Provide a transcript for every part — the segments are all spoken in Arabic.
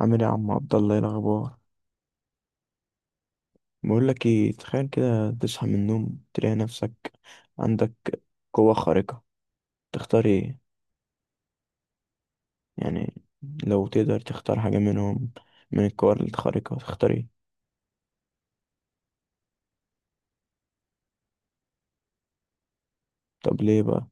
عامل ايه يا عم عبد الله؟ ايه الاخبار؟ بقول لك ايه، تخيل كده تصحى من النوم تلاقي نفسك عندك قوة خارقة. تختار ايه؟ يعني لو تقدر تختار حاجة منهم، من القوى الخارقة تختار ايه؟ طب ليه بقى؟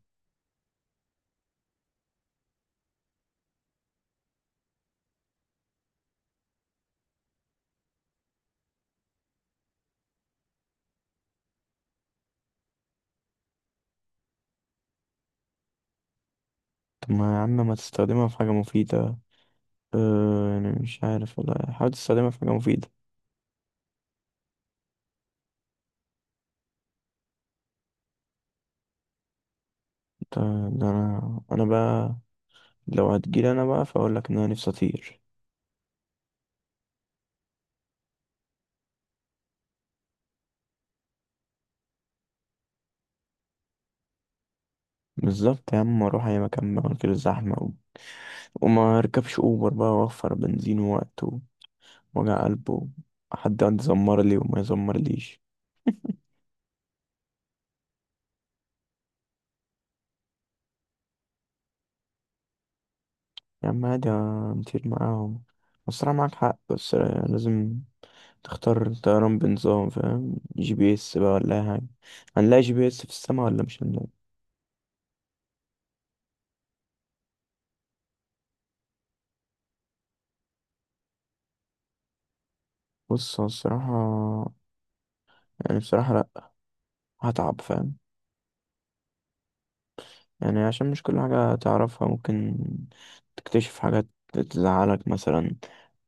طب ما يا عم ما تستخدمها في حاجة مفيدة. اه يعني مش عارف والله، حاول تستخدمها في حاجة مفيدة. ده, ده انا بقى. لو هتجيلي انا بقى، فاقول لك ان انا نفسي اطير. بالظبط يا عم، اروح اي مكان بقى من غير زحمة و... وما اركبش اوبر بقى واوفر بنزين ووقت وجع قلبه. حد يقعد يزمر لي وما يزمر ليش. يا عم عادي، نطير معاهم. الصراحة معاك حق، بس لازم تختار الطيران بنظام فاهم GPS بقى ولا أي حاجة. هنلاقي GPS في السما ولا مش هنلاقي؟ بص، هو الصراحة يعني بصراحة لأ، هتعب فاهم. يعني عشان مش كل حاجة تعرفها ممكن تكتشف حاجات تزعلك مثلا،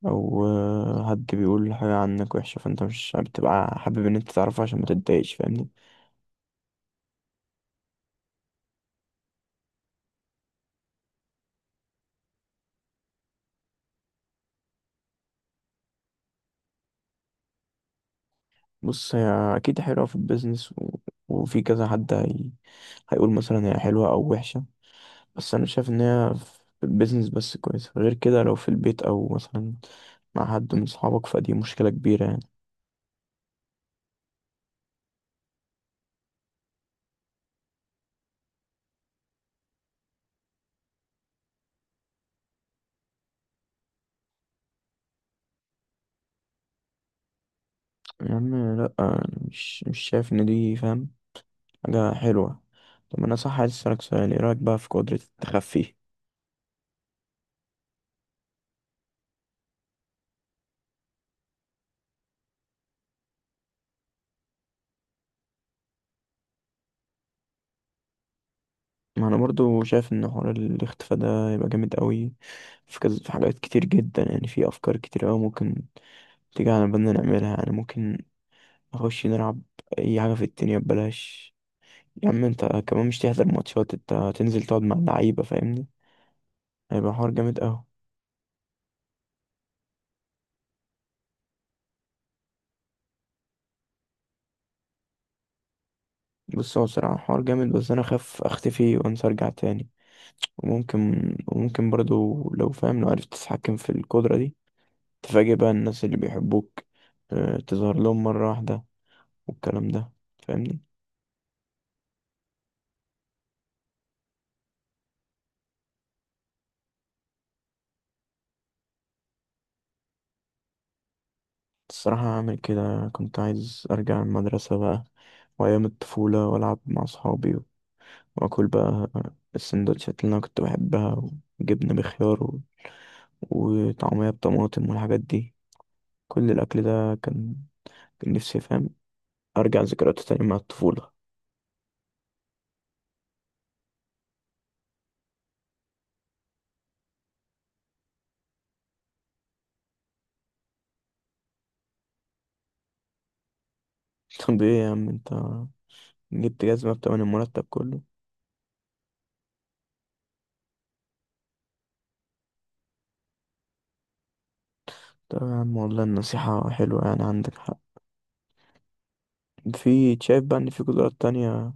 أو حد بيقول حاجة عنك وحشة، فأنت مش بتبقى حابب إن أنت تعرفها عشان ما تتضايقش فاهمني. بص، هي أكيد حلوة في البيزنس و... وفي كذا حد. هيقول مثلا هي حلوة أو وحشة، بس أنا شايف إن هي في البيزنس بس كويسة، غير كده لو في البيت أو مثلا مع حد من صحابك فدي مشكلة كبيرة يعني. يا عم لأ، أنا مش شايف إن دي فاهم حاجة حلوة. طب أنا صح، عايز أسألك سؤال: إيه رأيك بقى في قدرة التخفي؟ ما أنا برضو شايف إن حوار الاختفاء ده يبقى جامد قوي في كذا. في حاجات كتير جدا يعني، في أفكار كتير أوي ممكن تيجي على بالنا نعملها، يعني ممكن نخش نلعب اي حاجه في الدنيا ببلاش. يا عم انت كمان مش تحضر ماتشات، انت هتنزل تقعد مع اللعيبه فاهمني. هيبقى حوار جامد قوي. بص، هو بصراحه حوار جامد بس انا خاف اختفي وانسى ارجع تاني. وممكن وممكن برضو لو فاهم، لو عرفت تتحكم في القدره دي تفاجئ بقى الناس اللي بيحبوك. اه، تظهر لهم مره واحده والكلام ده فاهمني. الصراحه هعمل كده. كنت عايز ارجع المدرسه بقى، وايام الطفوله والعب مع اصحابي، واكل بقى السندوتشات اللي انا كنت بحبها، وجبنه بخيار و... وطعميه بطماطم والحاجات دي. كل الاكل ده كان، نفسي فاهم ارجع ذكرياته تاني مع الطفوله. طب ايه يا عم انت، جبت جزمه بتمن المرتب كله؟ طب يا عم والله النصيحه حلوه، يعني عندك حق. في شايف بقى ان في قدرات تانية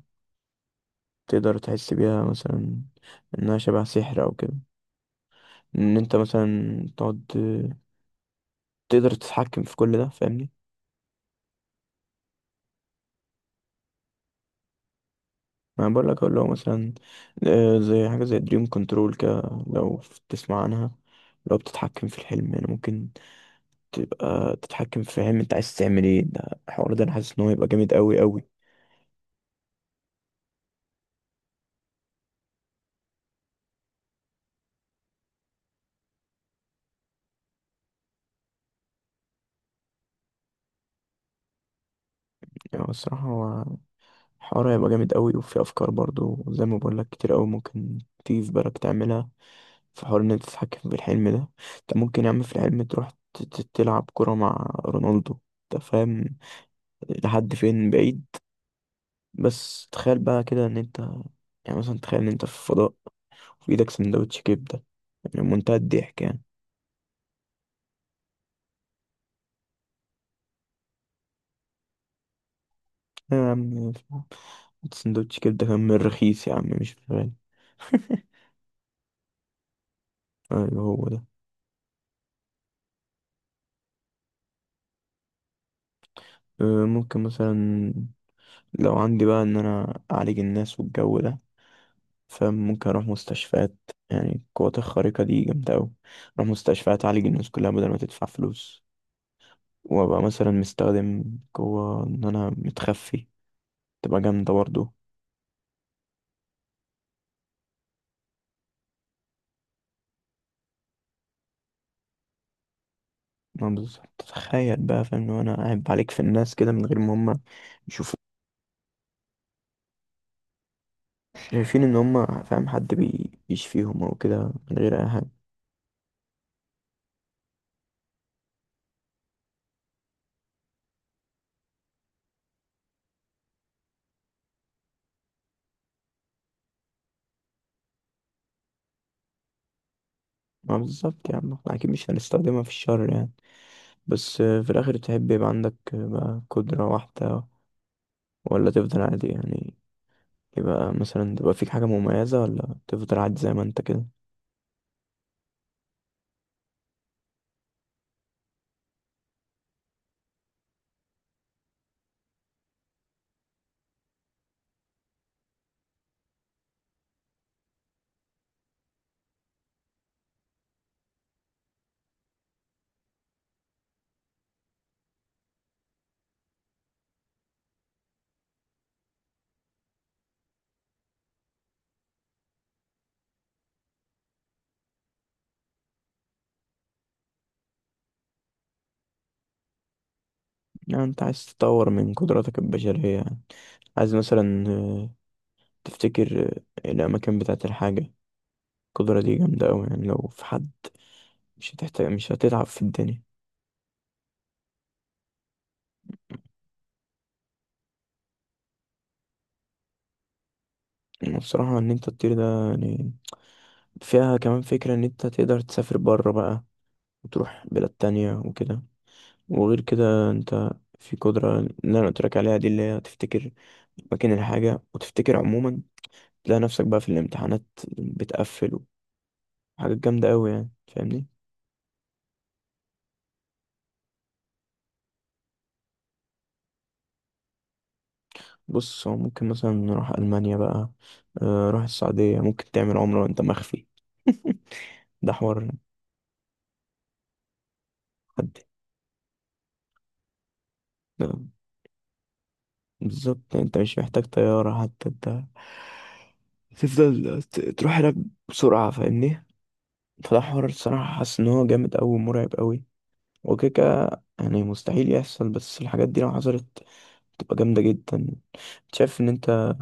تقدر تحس بيها مثلا انها شبه سحر او كده، ان انت مثلا تقعد تقدر تتحكم في كل ده فاهمني؟ ما بقول لك اللي هو مثلا زي حاجة زي دريم كنترول كده، لو تسمع عنها. لو بتتحكم في الحلم يعني ممكن تبقى تتحكم في الحلم انت عايز تعمل ايه، ده الحوار ده انا حاسس ان هو يبقى جامد قوي قوي. يعني الصراحة هو الحوار هيبقى جامد قوي، وفي افكار برضو زي ما بقول لك كتير قوي ممكن تيجي في بالك تعملها في حوار ان انت تتحكم في الحلم ده. انت ممكن يا عم في الحلم تروح تلعب كرة مع رونالدو. انت فاهم لحد فين بعيد؟ بس تخيل بقى كده ان انت، يعني مثلا تخيل ان انت في الفضاء، في ايدك سندوتش كبده، يعني منتهى الضحك يعني. يا عم، سندوتش كبده كان من الرخيص يا عم مش غالي. ايوه هو ده. ممكن مثلا لو عندي بقى ان انا اعالج الناس والجو ده، فممكن اروح مستشفيات. يعني القوات الخارقة دي جامدة اوي، اروح مستشفيات اعالج الناس كلها بدل ما تدفع فلوس، وابقى مثلا مستخدم قوة ان انا متخفي، تبقى جامدة برضه. ما بالظبط، تخيل بقى فاهم لو انا قاعد بعليك في الناس كده من غير ما هم يشوفوا، شايفين ان هم فاهم حد بيشفيهم او كده من غير اي حاجه. ما بالظبط يا عم، احنا اكيد مش هنستخدمها في الشر يعني. بس في الاخر تحب يبقى عندك بقى قدره واحده، ولا تفضل عادي يعني؟ يبقى مثلا تبقى فيك حاجه مميزه ولا تفضل عادي زي ما انت كده؟ يعني انت عايز تطور من قدراتك البشريه يعني، عايز مثلا تفتكر الاماكن بتاعت الحاجه. القدرة دي جامدة أوي يعني لو في حد، مش هتحتاج مش هتتعب في الدنيا. أنا بصراحة ان انت تطير ده يعني فيها كمان فكرة ان انت تقدر تسافر بره بقى وتروح بلاد تانية وكده. وغير كده انت في قدرة اللي انا قلتلك عليها دي، اللي هي تفتكر مكان الحاجة وتفتكر عموما. تلاقي نفسك بقى في الامتحانات بتقفل حاجات جامدة أوي يعني فاهمني. بص، هو ممكن مثلا نروح ألمانيا بقى. روح السعودية، ممكن تعمل عمرة وأنت مخفي. ده حوار. حد بالظبط انت مش محتاج طيارة حتى، انت تفضل تروح هناك بسرعة فاهمني. فده حوار الصراحة حاسس ان هو جامد اوي مرعب اوي. وكيكا، يعني مستحيل يحصل بس الحاجات دي لو حصلت تبقى جامدة جدا. شايف ان انت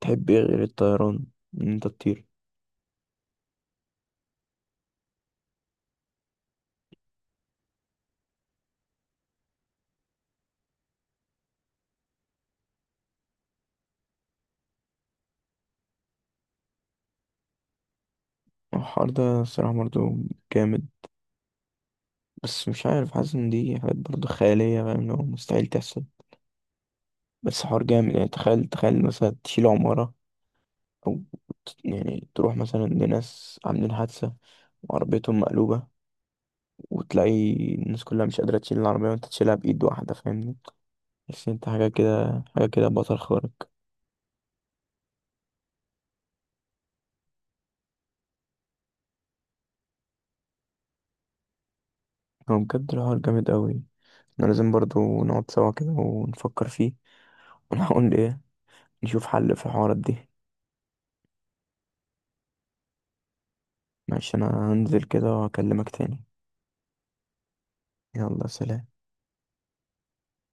تحب ايه غير الطيران، ان انت تطير؟ الحوار ده الصراحة برضه جامد، بس مش عارف، حاسس ان دي حاجات برضه خيالية فاهم اللي هو مستحيل تحصل. بس حوار جامد يعني، تخيل تخيل مثلا تشيل عمارة، أو يعني تروح مثلا لناس عاملين حادثة وعربيتهم مقلوبة وتلاقي الناس كلها مش قادرة تشيل العربية وانت تشيلها بإيد واحدة فاهمني. بس انت حاجة كده حاجة كده بطل خارق. هو بجد الحوار جامد قوي. احنا لازم برضو نقعد سوا كده ونفكر فيه، ونحاول ايه، نشوف حل في الحوارات دي. معلش، انا هنزل كده واكلمك تاني. يلا، سلام.